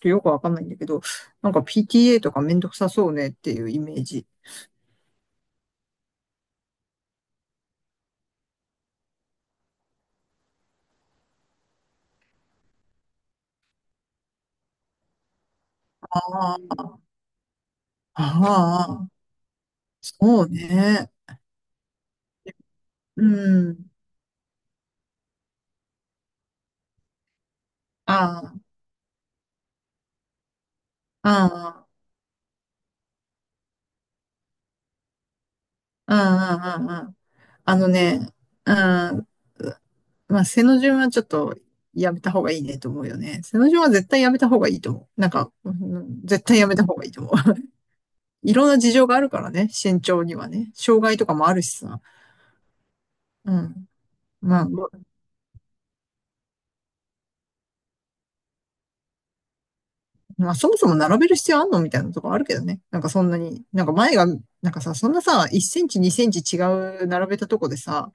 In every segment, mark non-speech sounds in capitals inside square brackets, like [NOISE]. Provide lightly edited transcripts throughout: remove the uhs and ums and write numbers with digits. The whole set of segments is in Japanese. とよくわかんないんだけど、なんか PTA とかめんどくさそうねっていうイメージ。ああ、ああそうね。うん。ああ、ああ、ああ、ああ、あのね、うん、まあ、背の順はちょっとやめた方がいいねと思うよね。背の順は絶対やめた方がいいと思う。なんか、うん絶対やめた方がいいと思う。[LAUGHS] いろんな事情があるからね、身長にはね。障害とかもあるしさ。うん。まあ、まあ、そもそも並べる必要あんのみたいなとこあるけどね。なんかそんなに、なんか前が、なんかさ、そんなさ、1センチ、2センチ違う並べたとこでさ、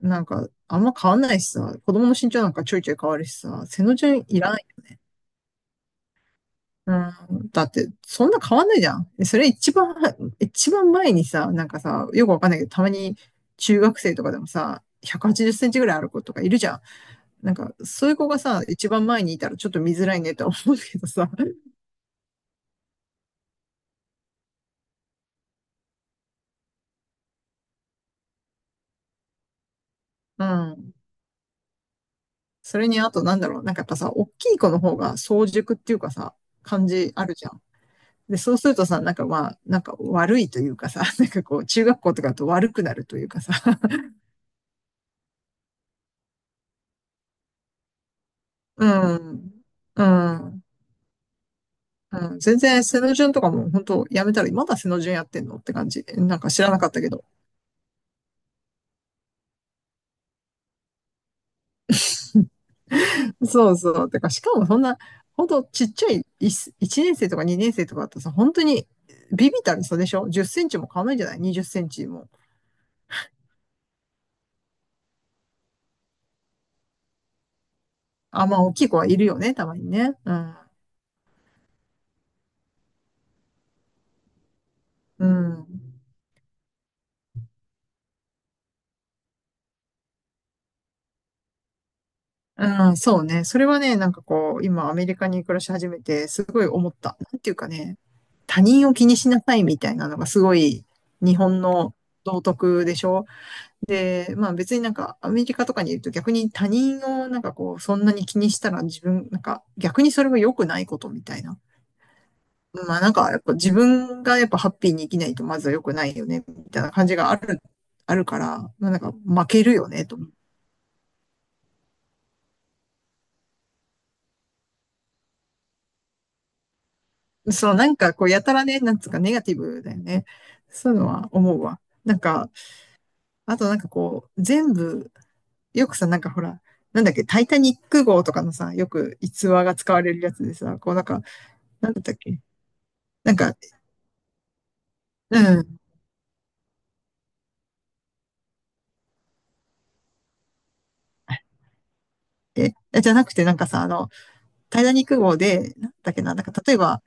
なんかあんま変わんないしさ、子供の身長なんかちょいちょい変わるしさ、背の順いらない。うん、だって、そんな変わんないじゃん。でそれ一番前にさ、なんかさ、よくわかんないけど、たまに中学生とかでもさ、180センチぐらいある子とかいるじゃん。なんか、そういう子がさ、一番前にいたらちょっと見づらいねとは思うけどさ、うん。それにあとなんだろう、なんかやっぱさ、大きい子の方が早熟っていうかさ、感じあるじゃん。で、そうするとさ、なんかまあ、なんか悪いというかさ、[LAUGHS] なんかこう、中学校とかだと悪くなるというかさ、[LAUGHS] うん、うん、うん。全然、背の順とかも本当やめたら、まだ背の順やってんのって感じ。なんか知らなかったけど。そうそう。てか、しかもそんな、本当ちっちゃい1、一年生とか2年生とかだとさ、本当にビビったる差でしょ？ 10 センチも変わらないんじゃない？ 20 センチも。あ、まあ、大きい子はいるよね、たまにね。うん。うん。うん、そうね。それはね、なんかこう、今アメリカに暮らし始めて、すごい思った。なんていうかね、他人を気にしなさいみたいなのがすごい日本の道徳でしょ。で、まあ別になんかアメリカとかにいると逆に他人をなんかこう、そんなに気にしたら自分、なんか逆にそれは良くないことみたいな。まあなんかやっぱ自分がやっぱハッピーに生きないとまずは良くないよね、みたいな感じがある、あるから、まあなんか負けるよね、と。そう、なんかこう、やたらね、なんつうか、ネガティブだよね。そういうのは思うわ。なんか、あとなんかこう、全部、よくさ、なんかほら、なんだっけ、タイタニック号とかのさ、よく逸話が使われるやつでさ、こうなんか、なんだったっけ、なんか、うん、え、じゃなくてなんかさ、あの、タイタニック号で、なんだっけな、なんか例えば、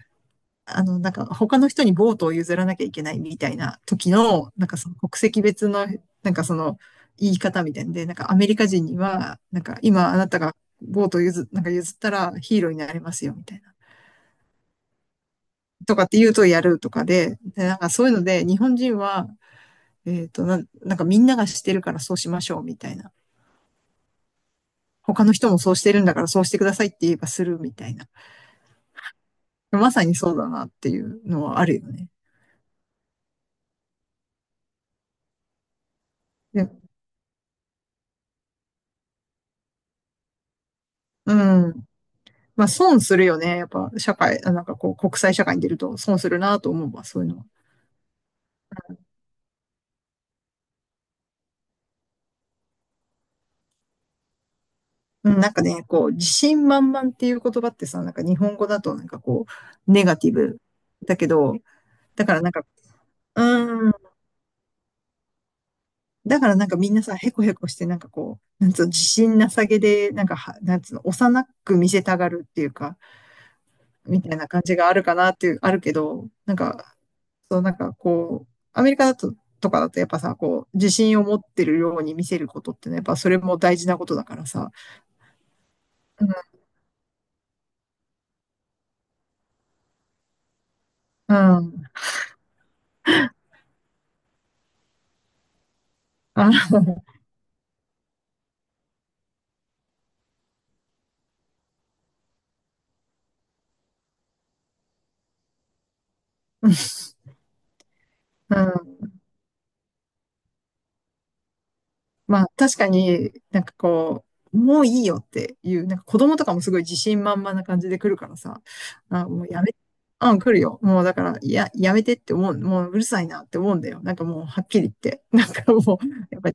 あの、なんか他の人にボートを譲らなきゃいけないみたいな時の、なんかその国籍別の、なんかその言い方みたいんで、なんかアメリカ人には、なんか今あなたがボートをなんか譲ったらヒーローになれますよみたいな。とかって言うとやるとかで、なんかそういうので日本人は、ななんかみんながしてるからそうしましょうみたいな。他の人もそうしてるんだからそうしてくださいって言えばするみたいな。まさにそうだなっていうのはあるよね。で、うん。まあ損するよね。やっぱ社会、なんかこう国際社会に出ると損するなと思うわ、そういうのは。うんなんかね、こう自信満々っていう言葉ってさ、なんか日本語だとなんかこうネガティブだけど、だからなんか、うーん、だからなんかみんなさ、へこへこしてなんかこう、なんつうの、自信なさげで、なんかは、なんつうの、幼く見せたがるっていうか、みたいな感じがあるかなっていう、あるけど、なんか、そう、なんかこう、アメリカだと、とかだとやっぱさ、こう、自信を持ってるように見せることってね、やっぱそれも大事なことだからさ。うん、うん、あ、うん。まあ確かになんかこう、もういいよっていう、なんか子供とかもすごい自信満々な感じで来るからさ、あ、もうやめ、うん、来るよ。もうだから、いや、やめてって思う、もううるさいなって思うんだよ。なんかもうはっきり言って。なんかもう、やっぱ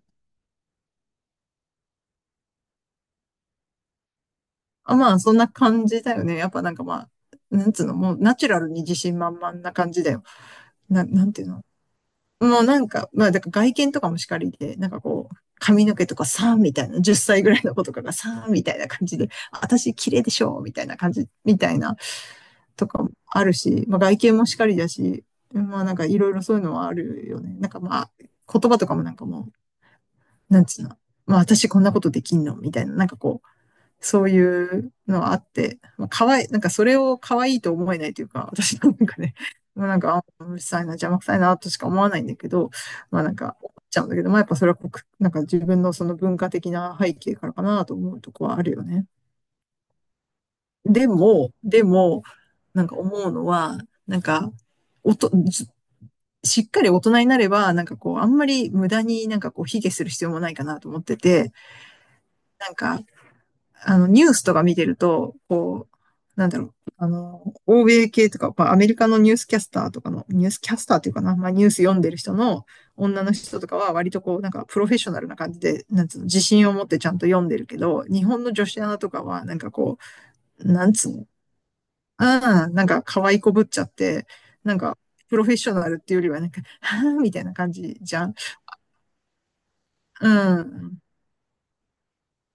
あ、まあ、そんな感じだよね。やっぱなんかまあ、なんつうの、もうナチュラルに自信満々な感じだよ。なんていうの。もうなんか、まあ、だから外見とかもしかりで、なんかこう、髪の毛とかさーみたいな、10歳ぐらいの子とかがさーみたいな感じで、私綺麗でしょみたいな感じ、みたいなとかもあるし、まあ外見もしかりだし、まあなんかいろいろそういうのはあるよね。なんかまあ、言葉とかもなんかもう、なんつうの。まあ私こんなことできんのみたいな、なんかこう、そういうのあって、まあ、かわい、なんかそれを可愛いと思えないというか、私のなんかね、[LAUGHS] まあ、なんか、あうるさいな、邪魔くさいな、としか思わないんだけど、まあなんか、思っちゃうんだけど、まあやっぱそれは国、なんか自分のその文化的な背景からかなと思うとこはあるよね。でも、なんか思うのは、なんか、おと、ししっかり大人になれば、なんかこう、あんまり無駄になんかこう、卑下する必要もないかなと思ってて、なんか、あの、ニュースとか見てると、こう、なんだろう、あの、欧米系とか、まあ、アメリカのニュースキャスターとかの、ニュースキャスターっていうかな、まあ、ニュース読んでる人の女の人とかは、割とこう、なんか、プロフェッショナルな感じで、なんつうの、自信を持ってちゃんと読んでるけど、日本の女子アナとかは、なんかこう、なんつうの、ああ、なんか、可愛いこぶっちゃって、なんか、プロフェッショナルっていうよりは、なんか、はぁみたいな感じじゃん。うん。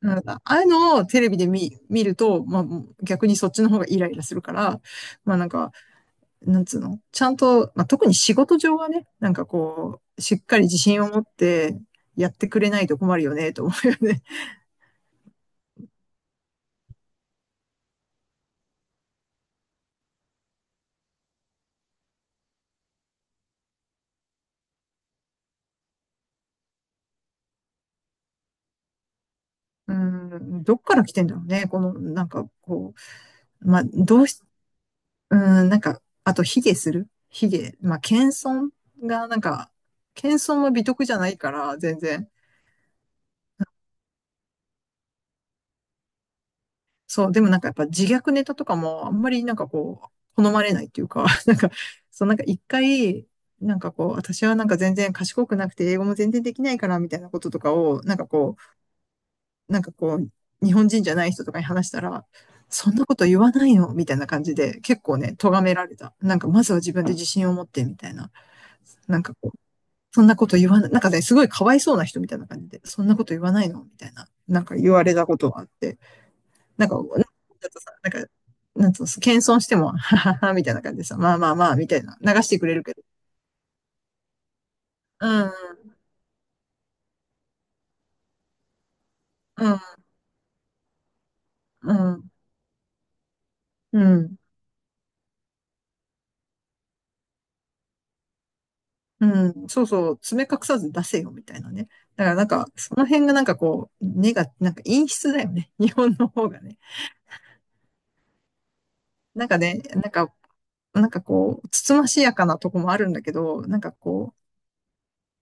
うんああいうのをテレビで見ると、まあ、逆にそっちの方がイライラするから、まあなんか、なんつうの、ちゃんと、まあ特に仕事上はね、なんかこう、しっかり自信を持ってやってくれないと困るよね、と思うよね。[LAUGHS] うん、どっから来てんだろうね、この、なんかこう、まあどうし、うん、なんか、あと卑下する卑下、まあ謙遜が、なんか、謙遜は美徳じゃないから、全然。そう、でもなんかやっぱ自虐ネタとかもあんまりなんかこう、好まれないっていうか、[LAUGHS] なんか、そうなんか一回、なんかこう、私はなんか全然賢くなくて英語も全然できないからみたいなこととかを、なんかこう、日本人じゃない人とかに話したら、そんなこと言わないのみたいな感じで、結構ね、咎められた。なんかまずは自分で自信を持ってみたいな。なんかこう、そんなこと言わない、なんかね、すごいかわいそうな人みたいな感じで、そんなこと言わないのみたいな、なんか言われたことがあって。なんかちょっとさ、なんか、なんつうの、謙遜しても、[LAUGHS] ははは、みたいな感じでさ、まあまあまあ、みたいな、流してくれるけど。うん、うん、うん、うん、うん、そうそう、爪隠さず出せよ、みたいなね。だからなんか、その辺がなんかこう、根が、なんか陰湿だよね。[LAUGHS] 日本の方がね。なんかね、なんか、なんかこう、つつましやかなとこもあるんだけど、なんかこう、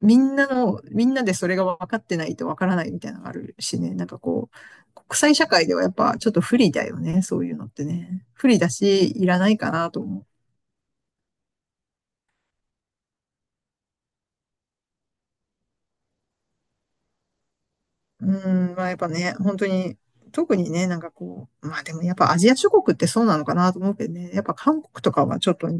みんなの、みんなでそれが分かってないと分からないみたいなのがあるしね、なんかこう、国際社会ではやっぱちょっと不利だよね、そういうのってね。不利だし、いらないかなと思う。うん、まあやっぱね、本当に、特にね、なんかこう、まあでもやっぱアジア諸国ってそうなのかなと思うけどね、やっぱ韓国とかはちょっと [LAUGHS]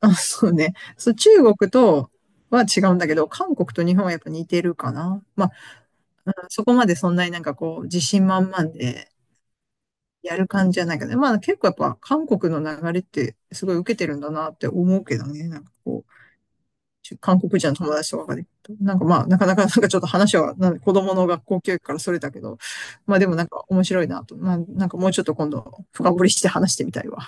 あ、そうね、そう、中国とは違うんだけど、韓国と日本はやっぱ似てるかな。まあ、うんそこまでそんなになんかこう、自信満々で、やる感じじゃないけど、ねまあ結構やっぱ韓国の流れってすごい受けてるんだなって思うけどね、なんかこう、韓国人の友達とかで、なんかまあなかなかなんかちょっと話はなん子供の学校教育からそれたけど、まあでもなんか面白いなと、まあなんかもうちょっと今度深掘りして話してみたいわ。